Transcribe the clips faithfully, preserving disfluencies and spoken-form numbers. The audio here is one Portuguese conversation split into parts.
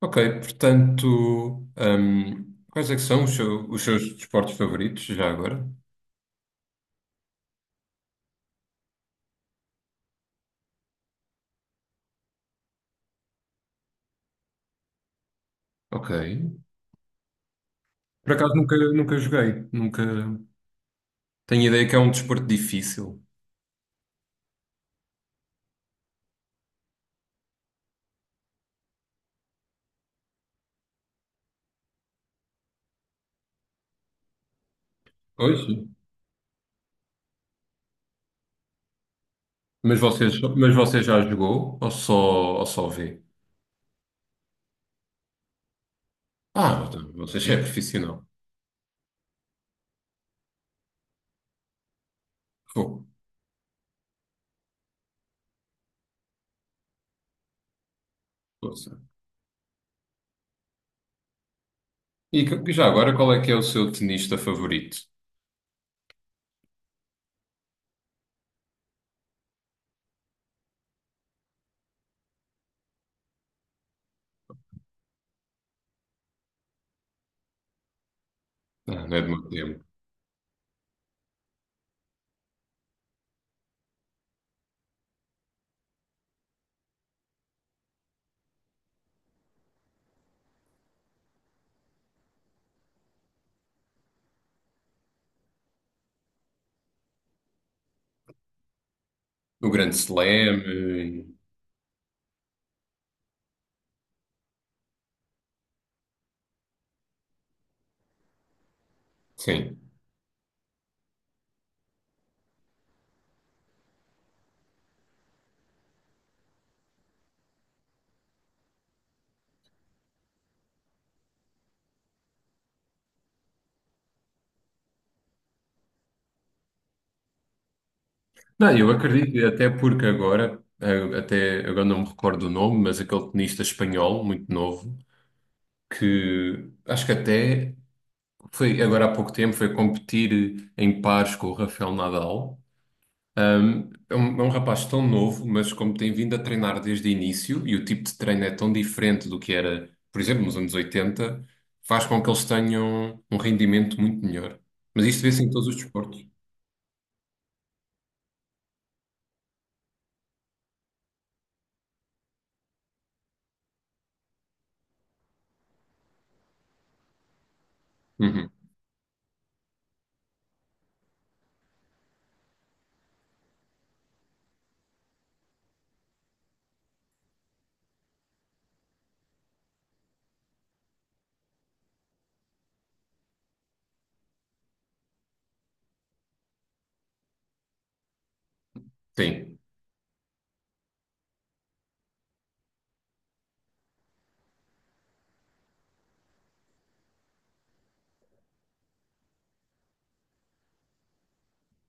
Ok, portanto, hum, quais é que são os, seu- os seus desportos favoritos já agora? Ok. Por acaso nunca, nunca joguei, nunca tenho ideia que é um desporto difícil. Pois. Mas você, mas você já jogou ou só, ou só vê? Ah, então, você já é profissional. Fogo. Poça. E que- já agora, qual é que é o seu tenista favorito? Ah, não é do meu tempo. O Grande Slam. eh, Sim. Não, eu acredito, até porque agora, eh, até agora não me recordo o nome, mas aquele tenista espanhol, muito novo, que acho que até foi agora há pouco tempo, foi competir em pares com o Rafael Nadal. Um, é um, é um rapaz tão novo, mas como tem vindo a treinar desde o início e o tipo de treino é tão diferente do que era, por exemplo, nos anos oitenta, faz com que eles tenham um rendimento muito melhor. Mas isto vê-se em todos os desportos. Uhum, sim.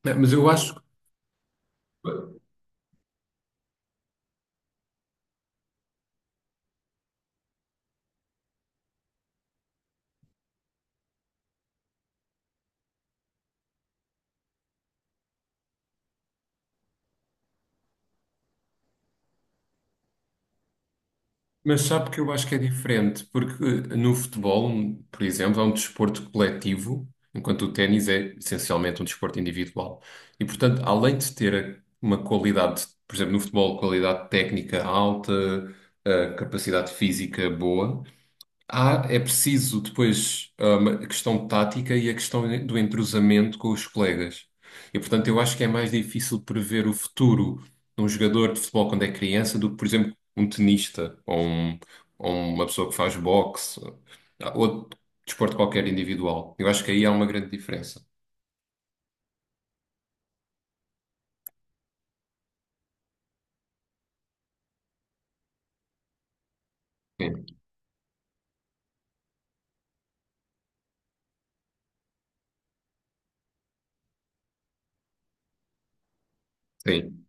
É, mas eu acho. Mas sabe que eu acho que é diferente, porque eh, no futebol, por exemplo, é um desporto coletivo, enquanto o ténis é essencialmente um desporto individual. E, portanto, além de ter uma qualidade, por exemplo, no futebol, qualidade técnica alta, eh, capacidade física boa, há, é preciso depois, hum, a questão tática e a questão do entrosamento com os colegas. E, portanto, eu acho que é mais difícil prever o futuro de um jogador de futebol quando é criança do que, por exemplo, um tenista, ou, um- ou uma pessoa que faz boxe, ah, ou desporto qualquer individual. Eu acho que aí há uma grande diferença. Sim, sim.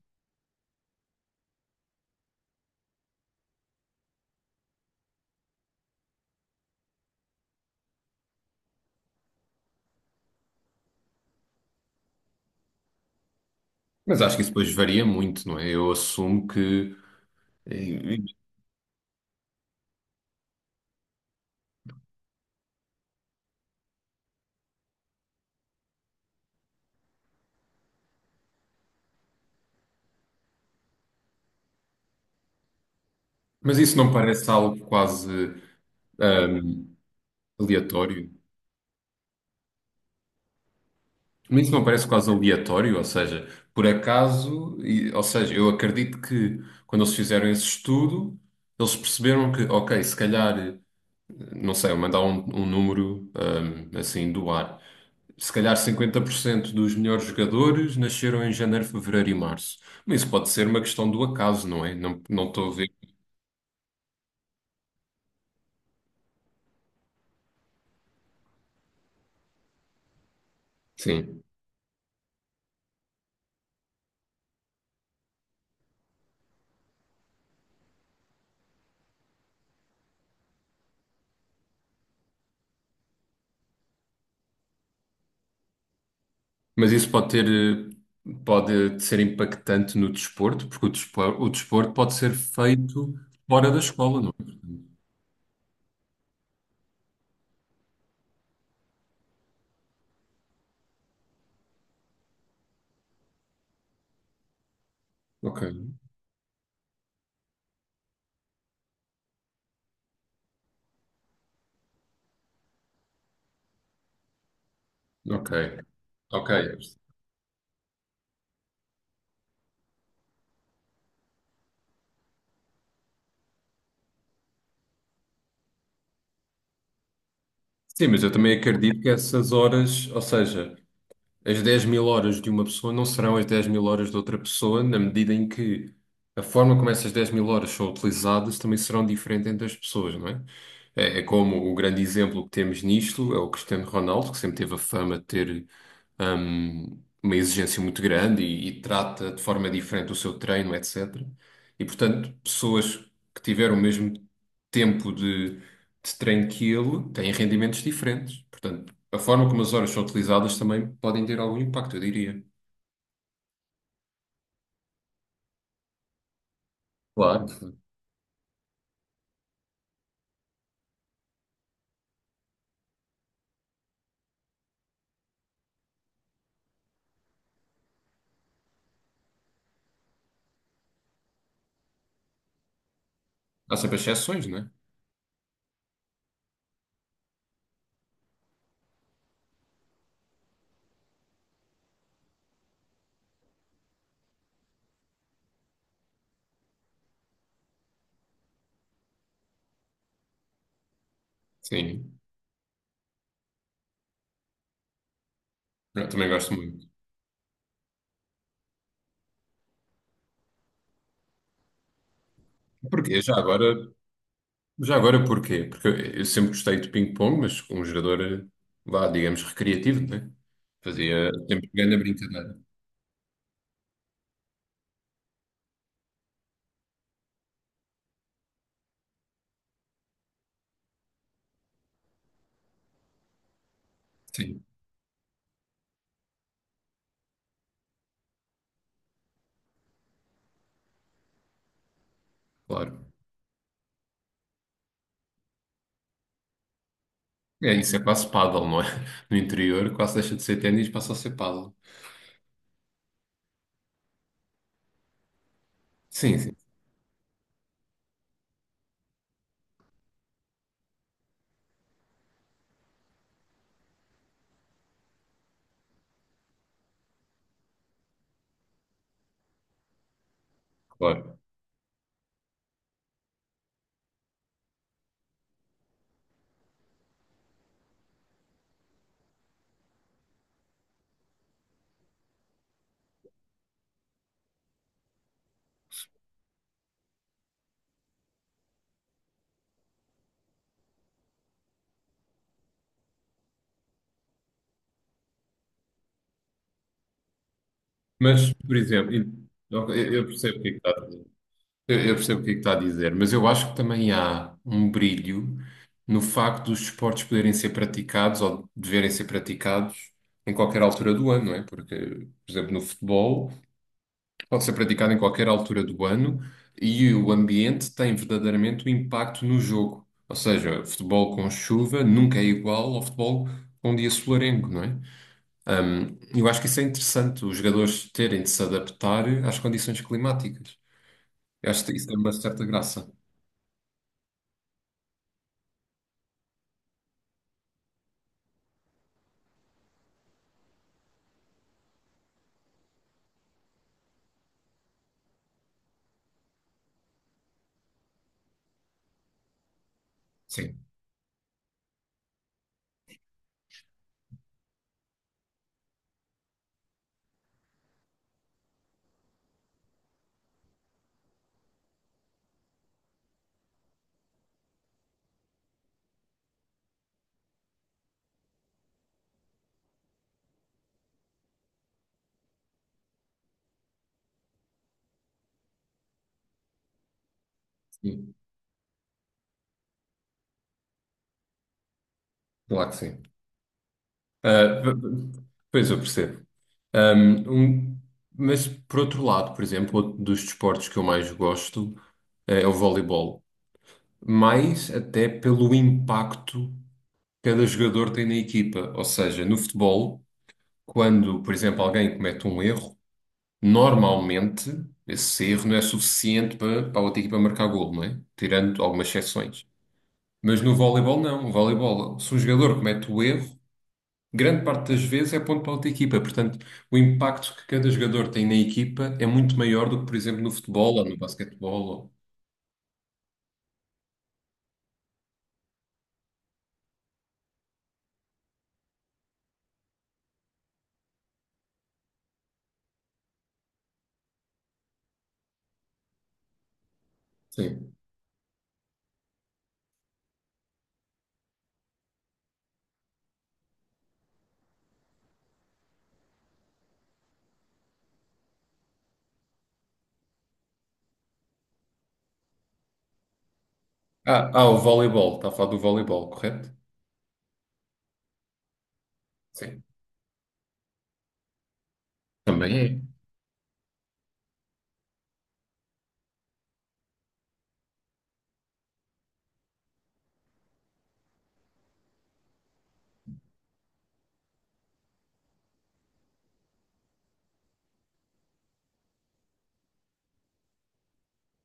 Mas acho que isso depois varia muito, não é? Eu assumo que. eh, Mas isso não parece algo quase, hum, aleatório? Mas Isso não parece quase aleatório, ou seja, por acaso, e- ou seja, eu acredito que quando eles fizeram esse estudo, eles perceberam que, ok, se calhar, não sei, eu mandar um, um número, ahm, assim do ar, se calhar cinquenta por cento dos melhores jogadores nasceram em janeiro, fevereiro e março. Mas isso pode ser uma questão do acaso, não é? Não, não estou a ver. Sim. Mas isso pode ter, eh, pode ser impactante no desporto, porque o desporto, o desporto pode ser feito fora da escola, não é? Ok. Ok, ok. Sim, mas eu também acredito que essas horas, ou seja, As dez mil horas de uma pessoa não serão as dez mil horas de outra pessoa, na medida em que a forma como essas dez mil horas são utilizadas também serão diferente entre as pessoas, não é? É, é como o grande exemplo que temos nisto é o Cristiano Ronaldo, que sempre teve a fama de ter, hum, uma exigência muito grande e, e trata de forma diferente o seu treino, et cetera. E, portanto, pessoas que tiveram o mesmo tempo de, de treino que ele têm rendimentos diferentes. Portanto, a forma como as horas são utilizadas também podem ter algum impacto, eu diria. Claro. Há sempre exceções, não é? Sim, eu também gosto muito. Porquê? Já agora, já agora porquê? Porque eu eu sempre gostei de ping-pong, mas com um jogador, eh, vá, digamos, recreativo, não é? Fazia sempre grande brincadeira. Sim, claro. É, isso é quase paddle, não é? No interior quase deixa de ser ténis, passa a ser paddle. Sim, sim, claro. Mas, por exemplo, e- ok, eu percebo o que é que está. Eu, eu percebo o que é que está a dizer, mas eu acho que também há um brilho no facto dos esportes poderem ser praticados ou deverem ser praticados em qualquer altura do ano, não é? Porque, por exemplo, no futebol pode ser praticado em qualquer altura do ano e o ambiente tem verdadeiramente um impacto no jogo. Ou seja, futebol com chuva nunca é igual ao futebol com um dia solarengo, não é? Hum, eu acho que isso é interessante, os jogadores terem de se adaptar às condições climáticas. Eu acho que isso tem uma certa graça. Sim, sim, claro que sim. Ah, v- v- pois eu percebo. Ahm, um- mas por outro lado, por exemplo, outro dos desportos que eu mais gosto, eh, é o voleibol, mais até pelo impacto que cada jogador tem na equipa. Ou seja, no futebol, quando, por exemplo, alguém comete um erro, normalmente esse erro não é suficiente para, para a outra equipa marcar golo, não é? Tirando algumas exceções. Mas no voleibol, não. No voleibol, se um jogador comete o erro, grande parte das vezes é ponto para outra equipa. Portanto, o impacto que cada jogador tem na equipa é muito maior do que, por exemplo, no futebol ou no basquetebol. Ou... Sim. Ah, ah, o voleibol. Está a falar do voleibol, correto? Sim. Também é.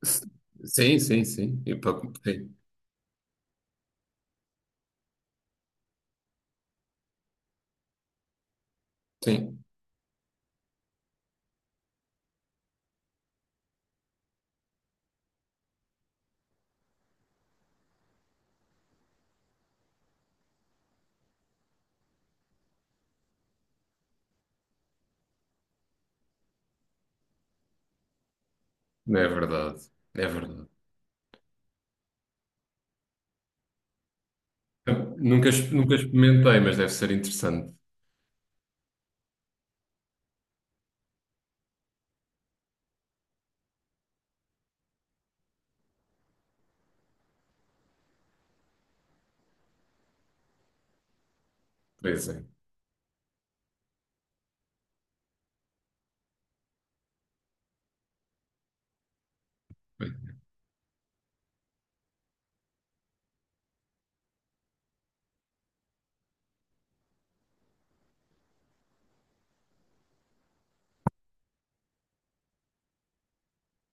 S- Sim, sim, sim. E para competir. Sim. Não é verdade. É verdade. Eu Nunca, ex- nunca experimentei, mas deve ser interessante. Teresa.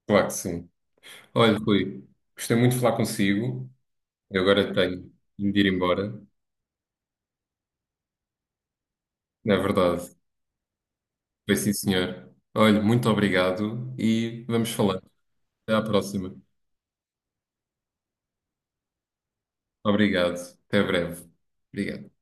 Claro que sim. Olha, Rui, gostei muito de falar consigo. Eu agora tenho de ir embora. Não é verdade. Foi sim, senhor. olhe muito obrigado e vamos falando. Até à próxima. Obrigado. Até breve. Obrigado.